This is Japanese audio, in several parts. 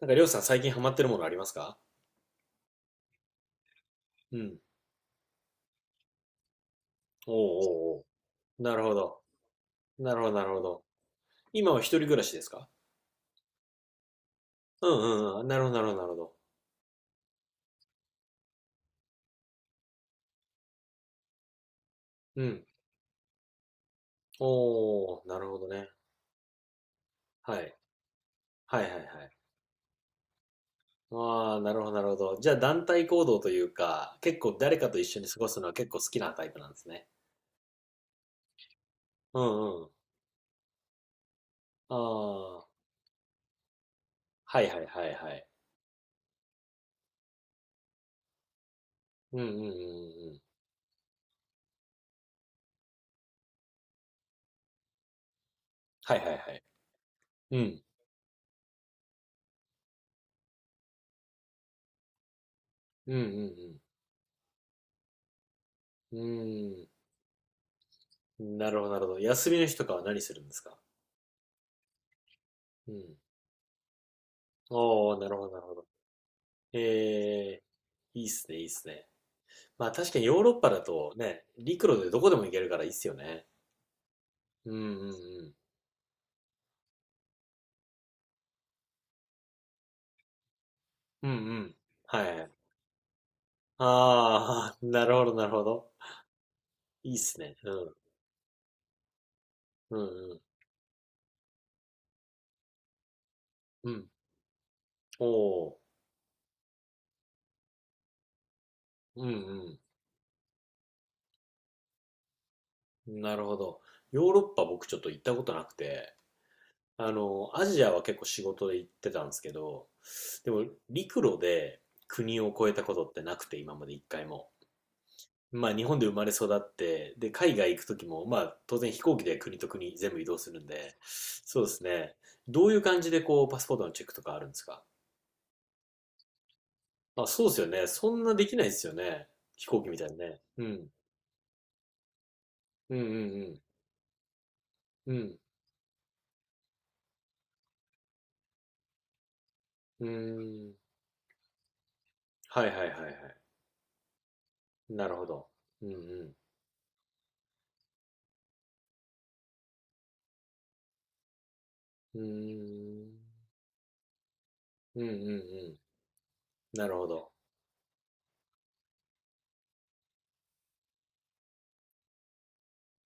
なんか、りょうさん最近ハマってるものありますか？うん。おうおうおう。なるほど。なるほど、なるほど。今は一人暮らしですか？うんうんうん。なるほど、なるほど、なるほど。うん。おお、なるほどね。はい。はいはいはい。ああ、なるほど、なるほど。じゃあ、団体行動というか、結構誰かと一緒に過ごすのは結構好きなタイプなんですね。うんうん。ああ、はいはいはいはい。うんうんうんうん。はいはいはい。うん。うんうんうん。うーん。なるほど、なるほど。休みの日とかは何するんですか？うん。おー、なるほど、なるほど。えいいっすね、いいっすね。まあ確かにヨーロッパだとね、陸路でどこでも行けるからいいっすよね。うんうんうん。うんうん。はい。あー、なるほど、なるほど。いいっすね。うん。うんうん。うん。おー。うんうん。なるほど。ヨーロッパ僕ちょっと行ったことなくて、あの、アジアは結構仕事で行ってたんですけど、でも陸路で国を越えたことってなくて、今まで一回も。まあ日本で生まれ育って、で、海外行く時も、まあ当然飛行機で国と国全部移動するんで、そうですね。どういう感じでこうパスポートのチェックとかあるんですか？あ、そうですよね。そんなできないですよね。飛行機みたいにね。うん。うんうんうん。うん。うーん。はいはいはいはい。なるほど。うんうん。うーん。うんうんうん。なるほど。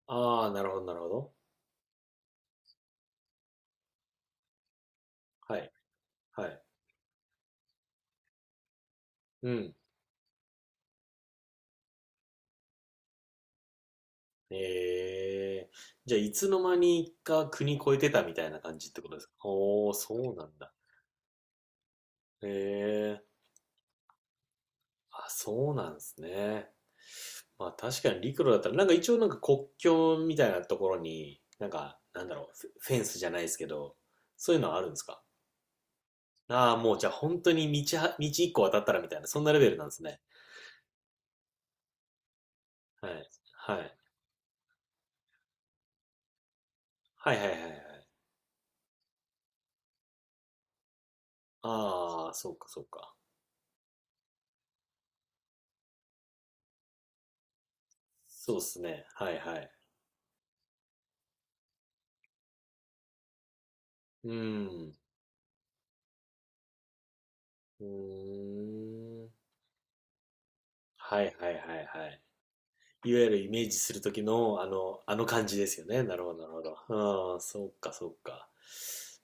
ああ、なるほどなるほど。はい。はい。うん。ええ、じゃあいつの間にか国越えてたみたいな感じってことですか？おー、そうなんだ。ええ、あ、そうなんですね。まあ確かに陸路だったら、なんか一応なんか国境みたいなところに、なんか、なんだろう、フェンスじゃないですけど、そういうのはあるんですか？ああー、もうじゃあ本当に道は、道一個渡ったらみたいな、そんなレベルなんですね。はい。はい。はいはいはいはい。ああ、そうかそうか。そうっすね。はいはい。うん。うーん。はいはいはいはい。いわゆるイメージする時のあの、あの感じですよね。なるほどなるほど。うん、そっかそっか。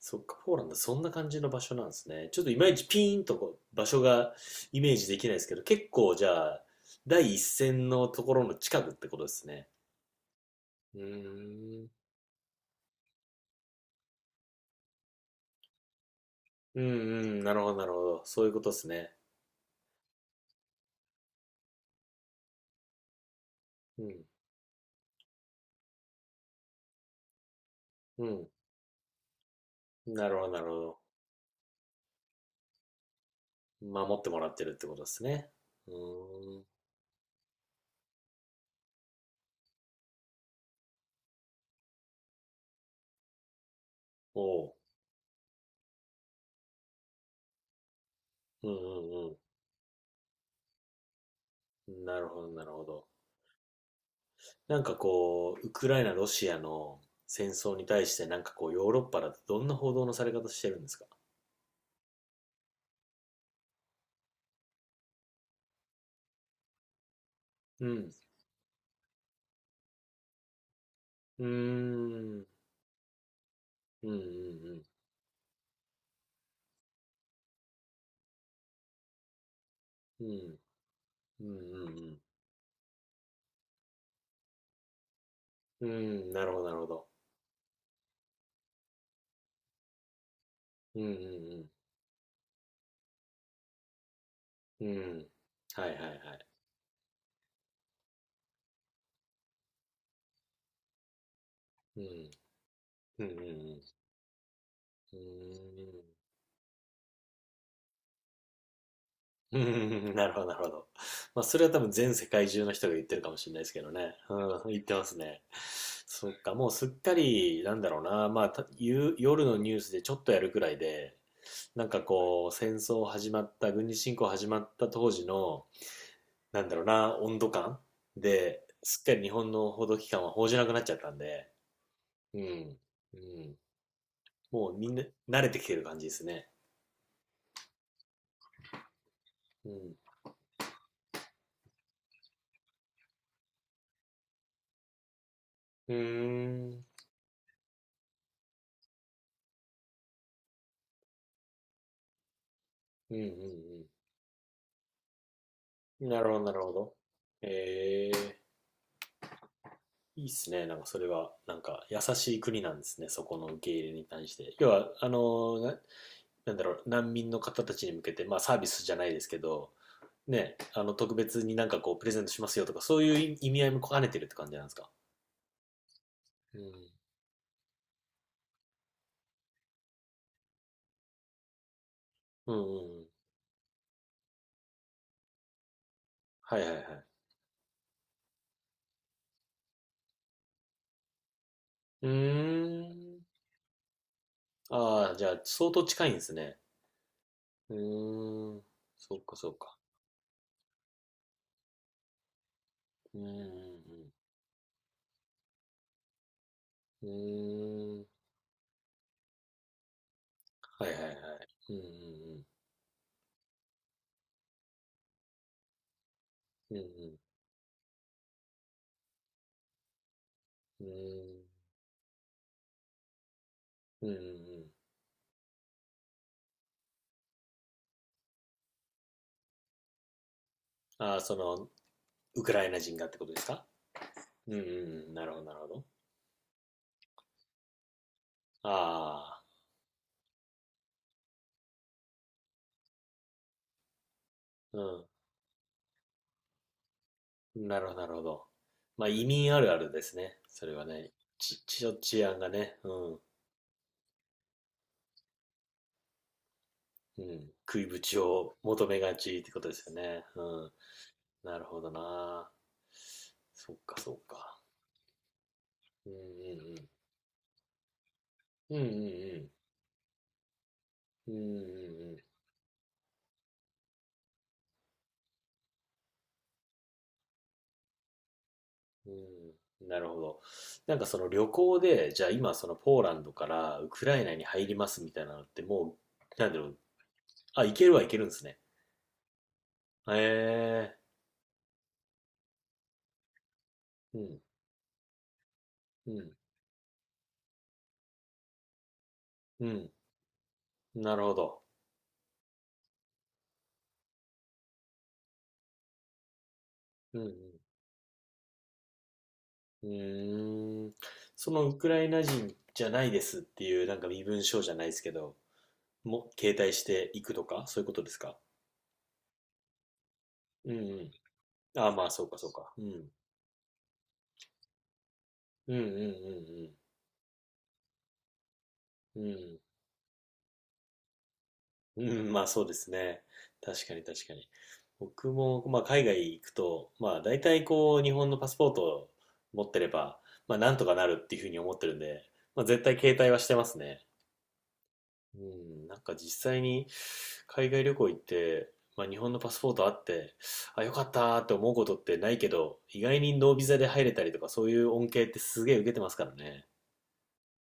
そっか、ポーランドそんな感じの場所なんですね。ちょっといまいちピーンとこう場所がイメージできないですけど、結構じゃあ、第一線のところの近くってことですね。うーん。うんうん、なるほどなるほど。そういうことですね。うん、うん。なるほどなるほど。守ってもらってるってことですね。うーん。おう。うんうんうん。なるほどなるほど。なんかこう、ウクライナ、ロシアの戦争に対してなんかこう、ヨーロッパだとどんな報道のされ方してるんですか？うん。うーん。うんうんうん。うん。うんうんうん。うん。なるほど、なるほど。うんうんうん。うん。はいはいはい。うん。うんうんうん。うーん。うん。 なるほど、なるほど。まあ、それは多分全世界中の人が言ってるかもしれないですけどね。うん、言ってますね。そっか、もうすっかり、なんだろうな、まあ、夕夜のニュースでちょっとやるくらいで、なんかこう、戦争始まった、軍事侵攻始まった当時の、なんだろうな、温度感で、すっかり日本の報道機関は報じなくなっちゃったんで、うん、うん、もうみんな慣れてきてる感じですね。うん、うーん、うん、うん、うん。なるほど、なるほど。ええ、いいっすね。なんかそれは、なんか優しい国なんですね。そこの受け入れに対して。要は、な、なんだろう、難民の方たちに向けて、まあサービスじゃないですけど、ね、あの、特別になんかこう、プレゼントしますよとか、そういう意味合いも兼ねてるって感じなんですか？うん。うんうんうん。はいはいはい。うーん。ああ、じゃあ、相当近いんですね。うーん。そうかそうか。うーん。うーん。はいはいはい。うんうんうん。うんうんうんうんうん。ああ、その、ウクライナ人がってことですか？うんうんうん、なるほど、なるほど。ああ、うん、なるほど、なるほど。まあ、移民あるあるですね。それはね、治安がね、うん、うん、食いぶちを求めがちってことですよね。うん、なるほどな。そっか、そっか。うんうんうん。うんうんうん。うんうんうん。うん、なるほど。なんかその旅行で、じゃあ今そのポーランドからウクライナに入りますみたいなのっても、なんだろう。あ、行けるは行けるんですね。へえ。うん、うん、うん。なるほど。うん、うん。うーん。そのウクライナ人じゃないですっていう、なんか身分証じゃないですけど、も、携帯していくとか、そういうことですか？うん、うん。ああ、まあ、そうか、そうか。うん。うん、うん、うん、うん。うん。うん、まあそうですね。確かに確かに。僕も、まあ、海外行くと、まあ大体こう日本のパスポートを持ってれば、まあなんとかなるっていうふうに思ってるんで、まあ絶対携帯はしてますね。うん、なんか実際に海外旅行行って、まあ日本のパスポートあって、あ、よかったーって思うことってないけど、意外にノービザで入れたりとかそういう恩恵ってすげえ受けてますからね。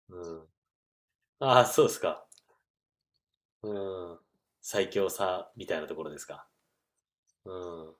うん。ああ、そうですか。うん。最強さみたいなところですか。うん。